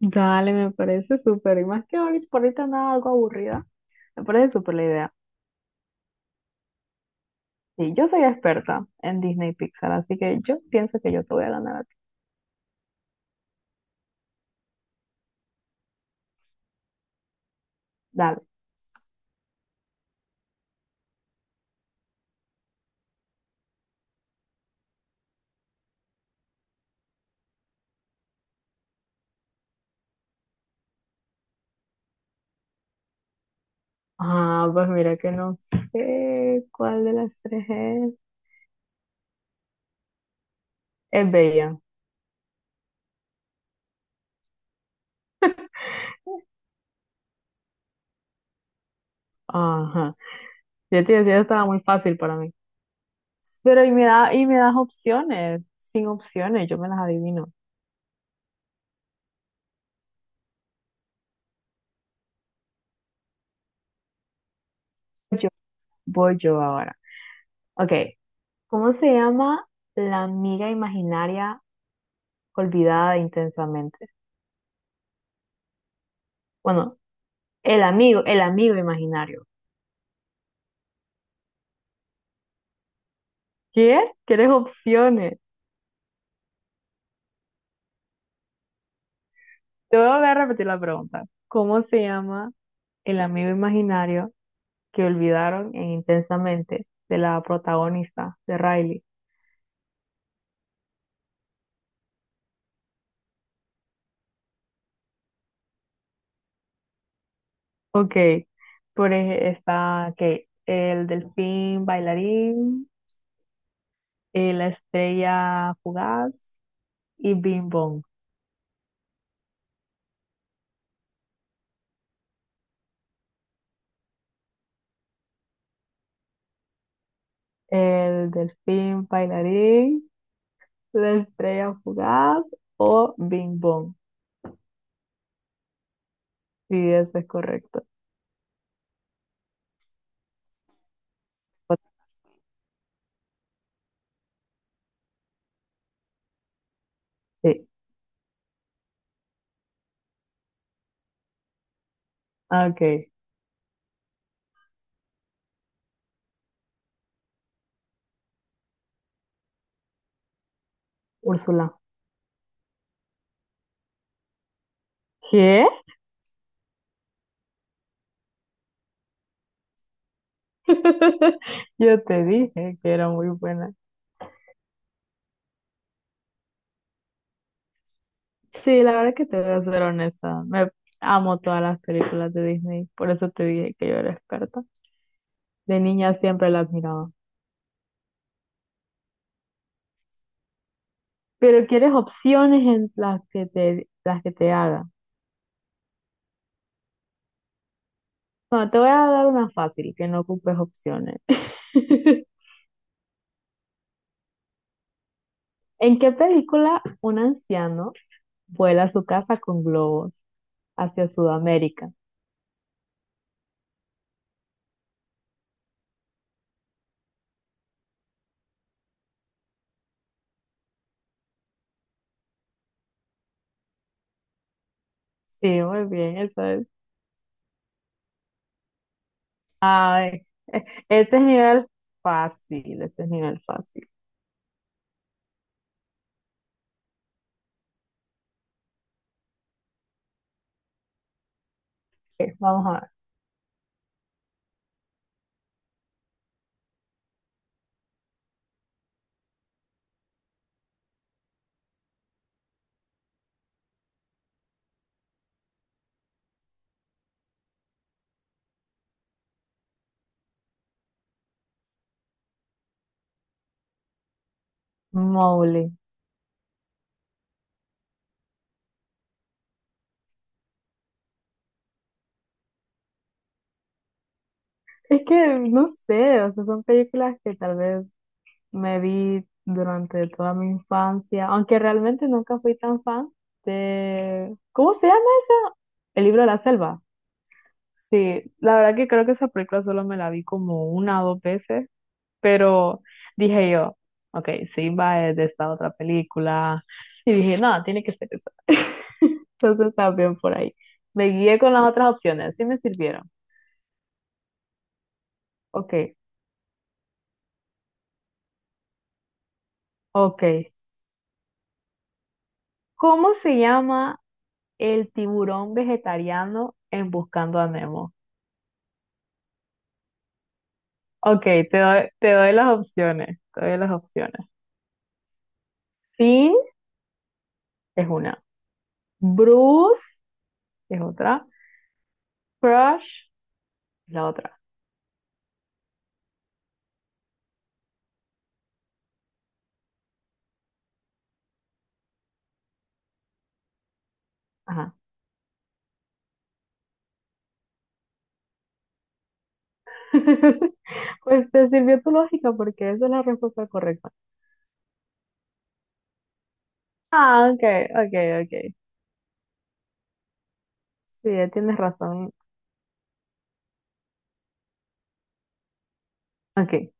Dale, me parece súper. Y más que ahorita, por ahorita andaba algo aburrida, me parece súper la idea. Y yo soy experta en Disney y Pixar, así que yo pienso que yo te voy a ganar a ti. Dale. Ah, pues mira que no sé cuál de las tres es. Es Bella. Ajá. Ya te decía, estaba muy fácil para mí. Pero y me das opciones. Sin opciones, yo me las adivino. Yo voy yo ahora. Ok. ¿Cómo se llama la amiga imaginaria olvidada de intensamente? Bueno, el amigo imaginario. ¿Qué? ¿Quieres opciones? Te voy a volver a repetir la pregunta. ¿Cómo se llama el amigo imaginario que olvidaron en Intensamente de la protagonista de Riley? Ok. Por ejemplo, está que el delfín bailarín, la estrella fugaz y Bing Bong. El delfín bailarín, la estrella fugaz o Bing Bong. Sí, eso es correcto. Sí. Ah, ok. Úrsula. ¿Qué? Yo te dije que era muy buena. Sí, la verdad es que te voy a ser honesta. Me amo todas las películas de Disney. Por eso te dije que yo era experta. De niña siempre las miraba. Pero quieres opciones en las que te haga. Bueno, te voy a dar una fácil, que no ocupes opciones. ¿En qué película un anciano vuela a su casa con globos hacia Sudamérica? Sí, muy bien, eso. Ay, e- este es nivel fácil, este es nivel fácil. Ok, vamos a ver. Mowgli. Es que no sé, o sea, son películas que tal vez me vi durante toda mi infancia, aunque realmente nunca fui tan fan de... ¿Cómo se llama esa? El libro de la selva. Sí, la verdad que creo que esa película solo me la vi como una o dos veces, pero dije yo, ok, Simba es de esta otra película, y dije, no, tiene que ser esa. Entonces también por ahí. Me guié con las otras opciones, sí me sirvieron. Ok, ok. ¿Cómo se llama el tiburón vegetariano en Buscando a Nemo? Ok, te doy las opciones, te doy las opciones. Finn es una, Bruce es otra, Crush es la otra. Ajá. Pues te sirvió tu lógica porque esa es la respuesta correcta. Ah, ok, ok, ok. Sí, tienes razón. Ok.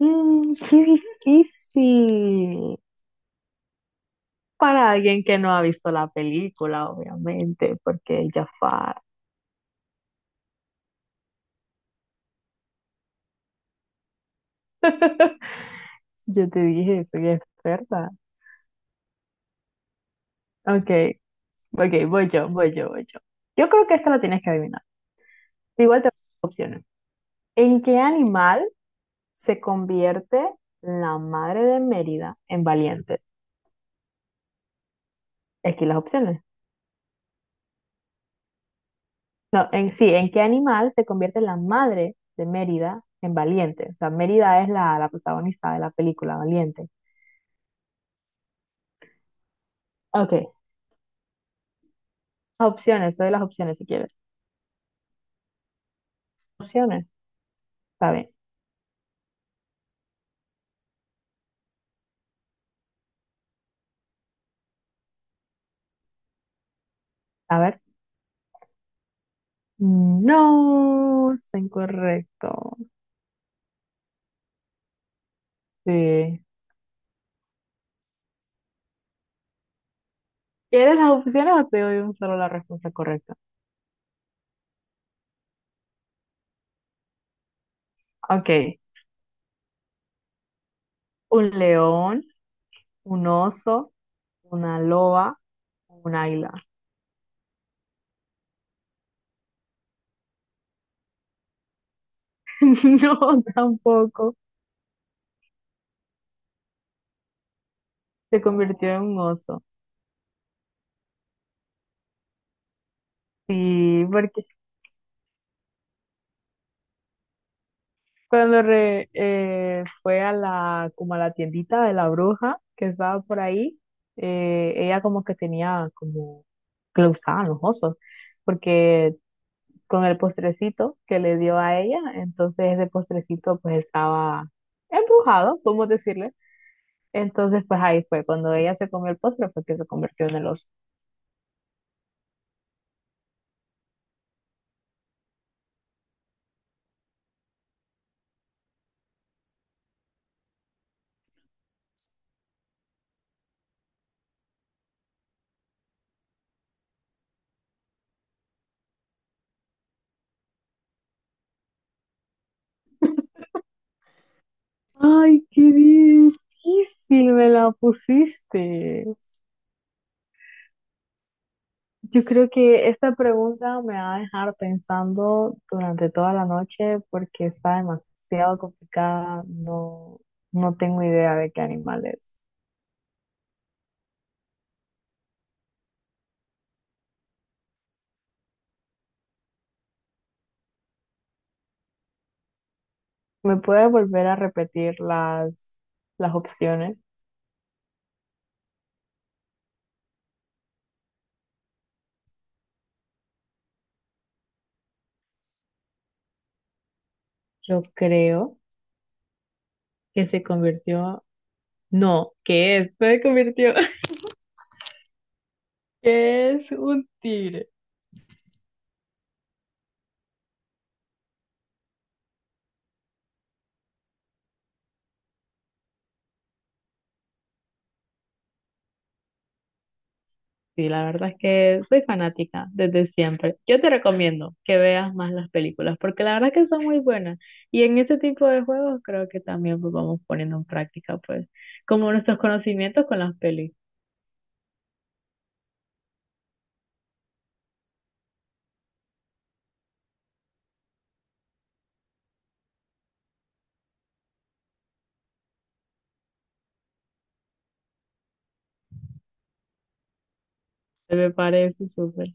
Mm, qué difícil. Para alguien que no ha visto la película, obviamente, porque Jafar. Yo te dije, soy experta. Ok, ok, voy yo, voy yo, voy yo. Yo creo que esta la tienes que adivinar. Igual te doy opciones. ¿En qué animal se convierte la madre de Mérida en Valiente? Aquí las opciones. No, en sí, ¿en qué animal se convierte la madre de Mérida en Valiente? O sea, Mérida es la protagonista de la película Valiente. Ok, opciones, doy las opciones si quieres. Opciones, está bien. A ver. No, es incorrecto. Sí. ¿Quieres las opciones o te doy un solo la respuesta correcta? Ok, un león, un oso, una loba, un águila. No, tampoco. Se convirtió en un oso. Sí, porque cuando fue a la, como a la tiendita de la bruja que estaba por ahí, ella como que tenía como que le gustaban los osos, porque con el postrecito que le dio a ella, entonces ese postrecito pues estaba embrujado, podemos decirle. Entonces pues ahí fue, cuando ella se comió el postre fue que se convirtió en el oso. Ay, qué difícil me la pusiste. Yo creo que esta pregunta me va a dejar pensando durante toda la noche porque está demasiado complicada. No, no tengo idea de qué animal es. ¿Me puede volver a repetir las opciones? Yo creo que se convirtió. No, ¿qué es? No se convirtió. ¿Qué es un tigre? Sí, la verdad es que soy fanática desde siempre. Yo te recomiendo que veas más las películas porque la verdad es que son muy buenas. Y en ese tipo de juegos creo que también pues, vamos poniendo en práctica, pues, como nuestros conocimientos con las pelis. Me parece súper.